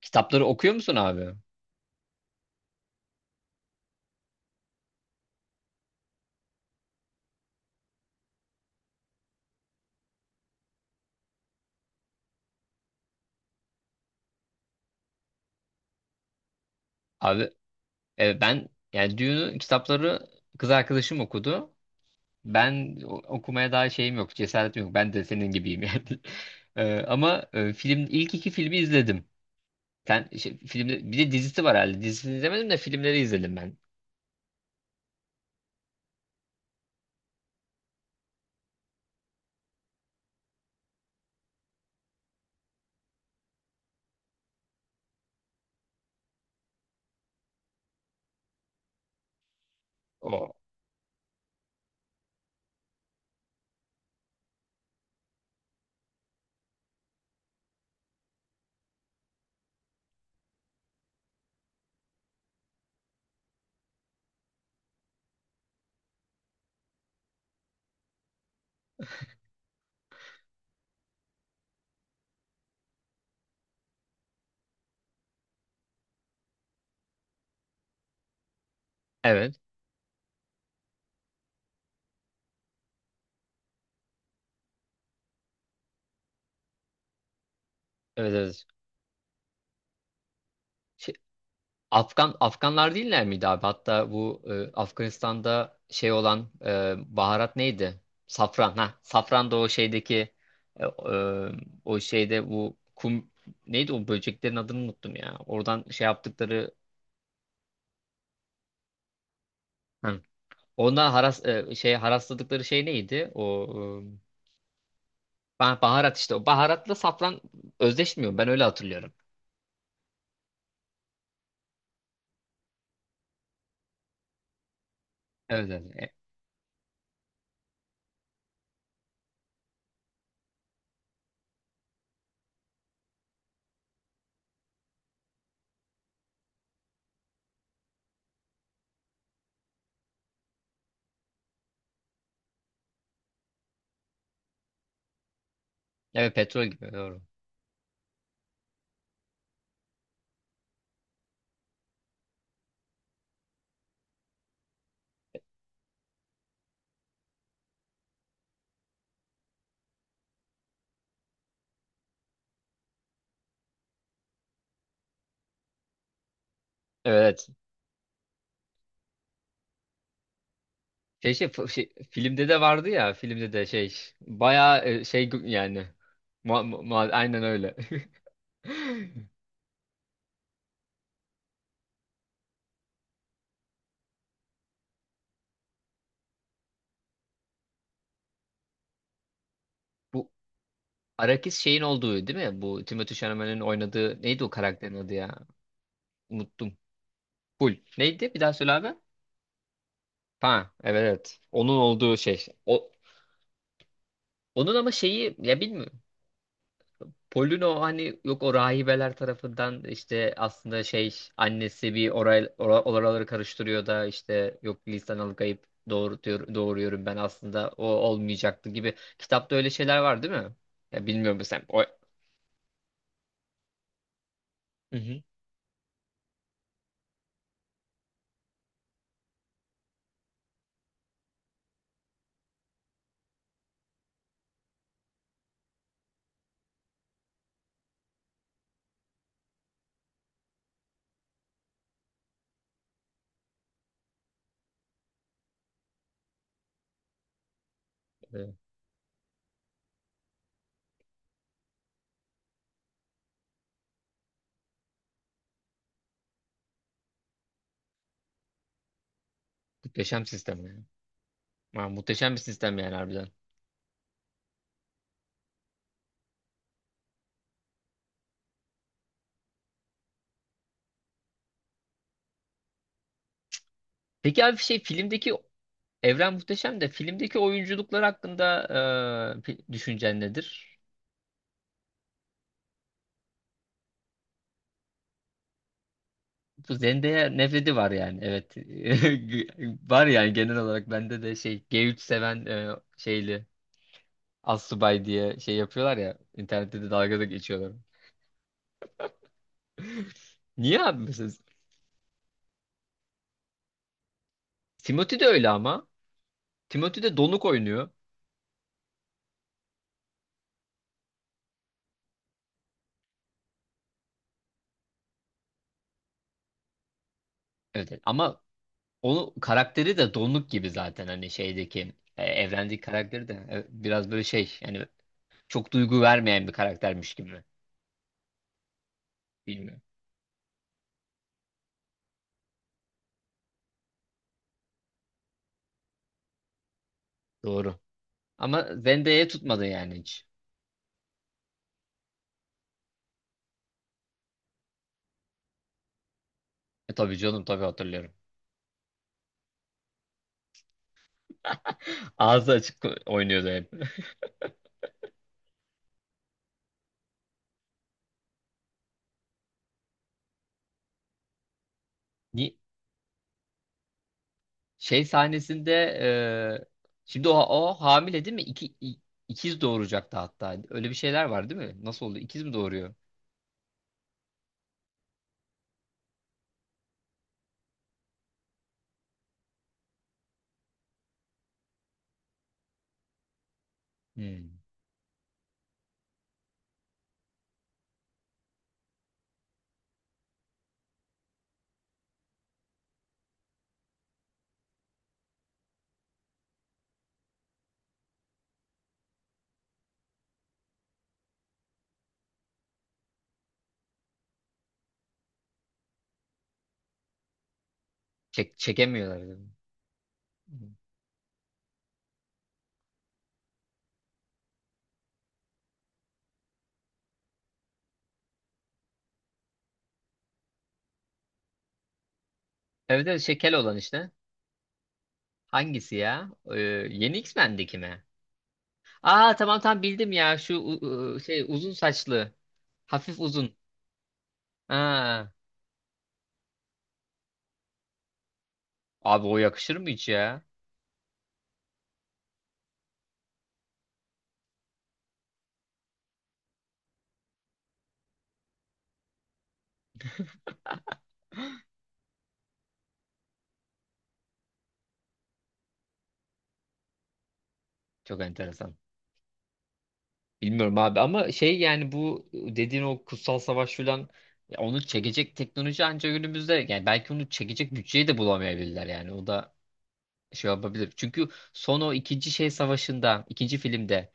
Kitapları okuyor musun abi? Abi ben yani Dune'u kitapları kız arkadaşım okudu. Ben okumaya daha şeyim yok, cesaretim yok. Ben de senin gibiyim yani. E, ama film ilk iki filmi izledim. Sen şey, filmde bir de dizisi var herhalde. Dizisini izlemedim de filmleri izledim ben. O. Evet. Evet evet. Afganlar değiller miydi abi? Hatta bu Afganistan'da şey olan baharat neydi? Safran. Ha, safran da o şeydeki e, e, o şeyde bu kum neydi, o böceklerin adını unuttum ya. Oradan şey yaptıkları. Hı. Ondan şey harasladıkları şey neydi? O baharat işte. O baharatla safran özdeşmiyor. Ben öyle hatırlıyorum. Evet evet. E, evet petrol gibi doğru. Evet. Şey, filmde de vardı ya, filmde de şey bayağı şey yani aynen öyle. Bu Arakis şeyin olduğu değil mi? Bu Timothée Chalamet'in oynadığı neydi o karakterin adı ya? Unuttum. Pul. Neydi? Bir daha söyle abi. Ha evet evet. Onun olduğu şey. O, onun ama şeyi ya bilmiyorum. Polino hani yok, o rahibeler tarafından işte aslında şey annesi bir oraları karıştırıyor da, işte yok lisan alıkayıp doğurtuyor, doğuruyorum ben, aslında o olmayacaktı gibi. Kitapta öyle şeyler var değil mi? Ya bilmiyorum sen. O. Hı hı. Evet. Muhteşem sistem yani. Ha, muhteşem bir sistem yani harbiden. Peki abi şey filmdeki evren muhteşem de, filmdeki oyunculuklar hakkında düşüncen nedir? Bu Zendaya nefreti var yani, evet. Var yani, genel olarak bende de şey G3 seven şeyli assubay diye şey yapıyorlar ya, internette de dalga da geçiyorlar. Niye abi mesela? Timothy de öyle ama. Timothy de donuk oynuyor. Evet evet, ama onu karakteri de donuk gibi zaten, hani şeydeki evrendeki karakteri de biraz böyle şey yani çok duygu vermeyen bir karaktermiş gibi. Bilmiyorum. Doğru. Ama Zendaya'ya tutmadı yani hiç. E tabii canım, tabii hatırlıyorum. Ağzı açık oynuyordu hep. Ni- Şey sahnesinde şimdi o, o hamile değil mi? İkiz doğuracaktı hatta. Öyle bir şeyler var değil mi? Nasıl oldu? İkiz mi doğuruyor? Hmm. Çekemiyorlar değil mi? Hmm. Evet evet, şekel olan işte. Hangisi ya? Yeni X-Men'deki mi? Aa tamam tamam, bildim ya. Şu şey, uzun saçlı. Hafif uzun. Aa. Abi o yakışır mı hiç ya? Çok enteresan. Bilmiyorum abi, ama şey yani bu dediğin o kutsal savaş filan, ya onu çekecek teknoloji ancak günümüzde, yani belki onu çekecek bütçeyi de bulamayabilirler yani, o da şey yapabilir. Çünkü son o ikinci şey savaşında, ikinci filmde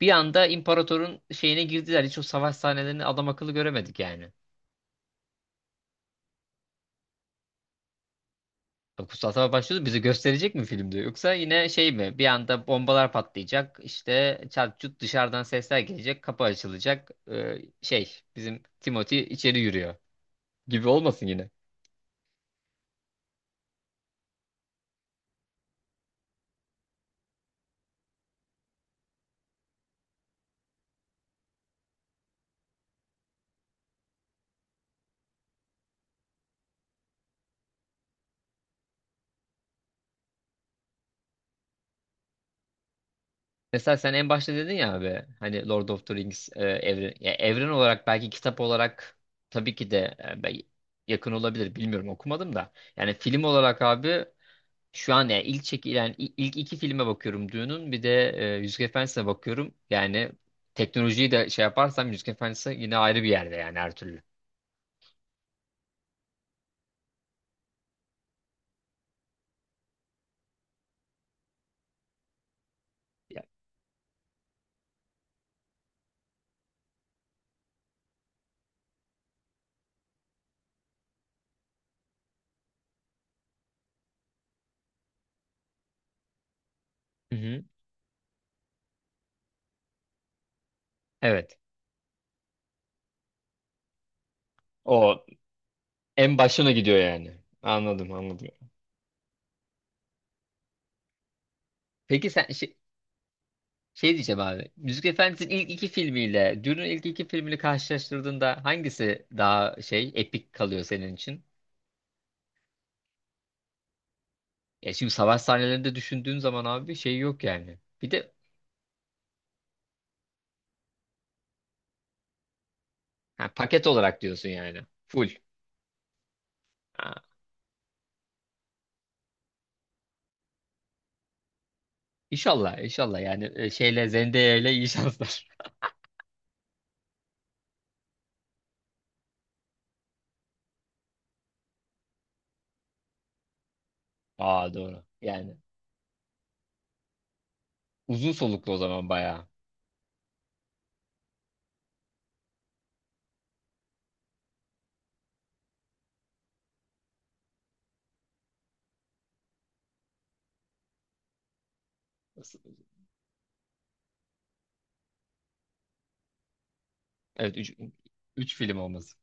bir anda imparatorun şeyine girdiler, hiç o savaş sahnelerini adam akıllı göremedik yani. O kutsal savaş başlıyordu, bizi gösterecek mi filmde, yoksa yine şey mi, bir anda bombalar patlayacak işte çat çut, dışarıdan sesler gelecek, kapı açılacak, şey bizim Timothy içeri yürüyor gibi olmasın yine. Mesela sen en başta dedin ya abi, hani Lord of the Rings evren, ya evren olarak belki, kitap olarak tabii ki de yakın olabilir bilmiyorum, okumadım da. Yani film olarak abi şu an, yani ilk çekilen ilk iki filme bakıyorum Dune'un, bir de Yüzük Efendisi'ne bakıyorum. Yani teknolojiyi de şey yaparsam Yüzük Efendisi yine ayrı bir yerde yani, her türlü. Ya- Hı hı. Evet. O en başına gidiyor yani. Anladım anladım. Peki sen. Şey diyeceğim abi. Müzik Efendisi'nin ilk iki filmiyle Dune'un ilk iki filmini karşılaştırdığında hangisi daha şey, epik kalıyor senin için? Ya şimdi savaş sahnelerinde düşündüğün zaman abi şey yok yani. Bir de ha, paket olarak diyorsun yani. Full. Ha, İnşallah inşallah yani şeyle Zendaya ile iyi şanslar. Aa doğru. Yani uzun soluklu o zaman bayağı. Evet 3 film olması.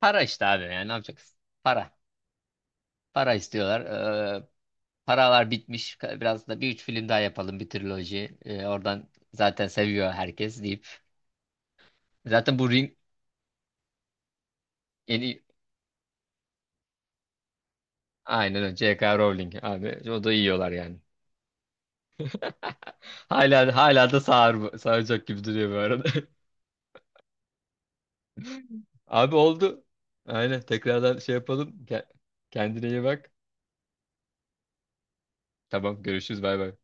Para işte abi, yani ne yapacaksın? Para. Para istiyorlar. Ee, Paralar bitmiş. Biraz da bir üç film daha yapalım. Bir triloji. Oradan zaten seviyor herkes deyip. Zaten bu Ring yeni, aynen öyle. J.K. Rowling abi. O da yiyorlar yani. Hala hala da sağır, sağıracak gibi duruyor bu arada. Abi oldu. Aynen tekrardan şey yapalım. Kendine iyi bak. Tamam, görüşürüz. Bay bay.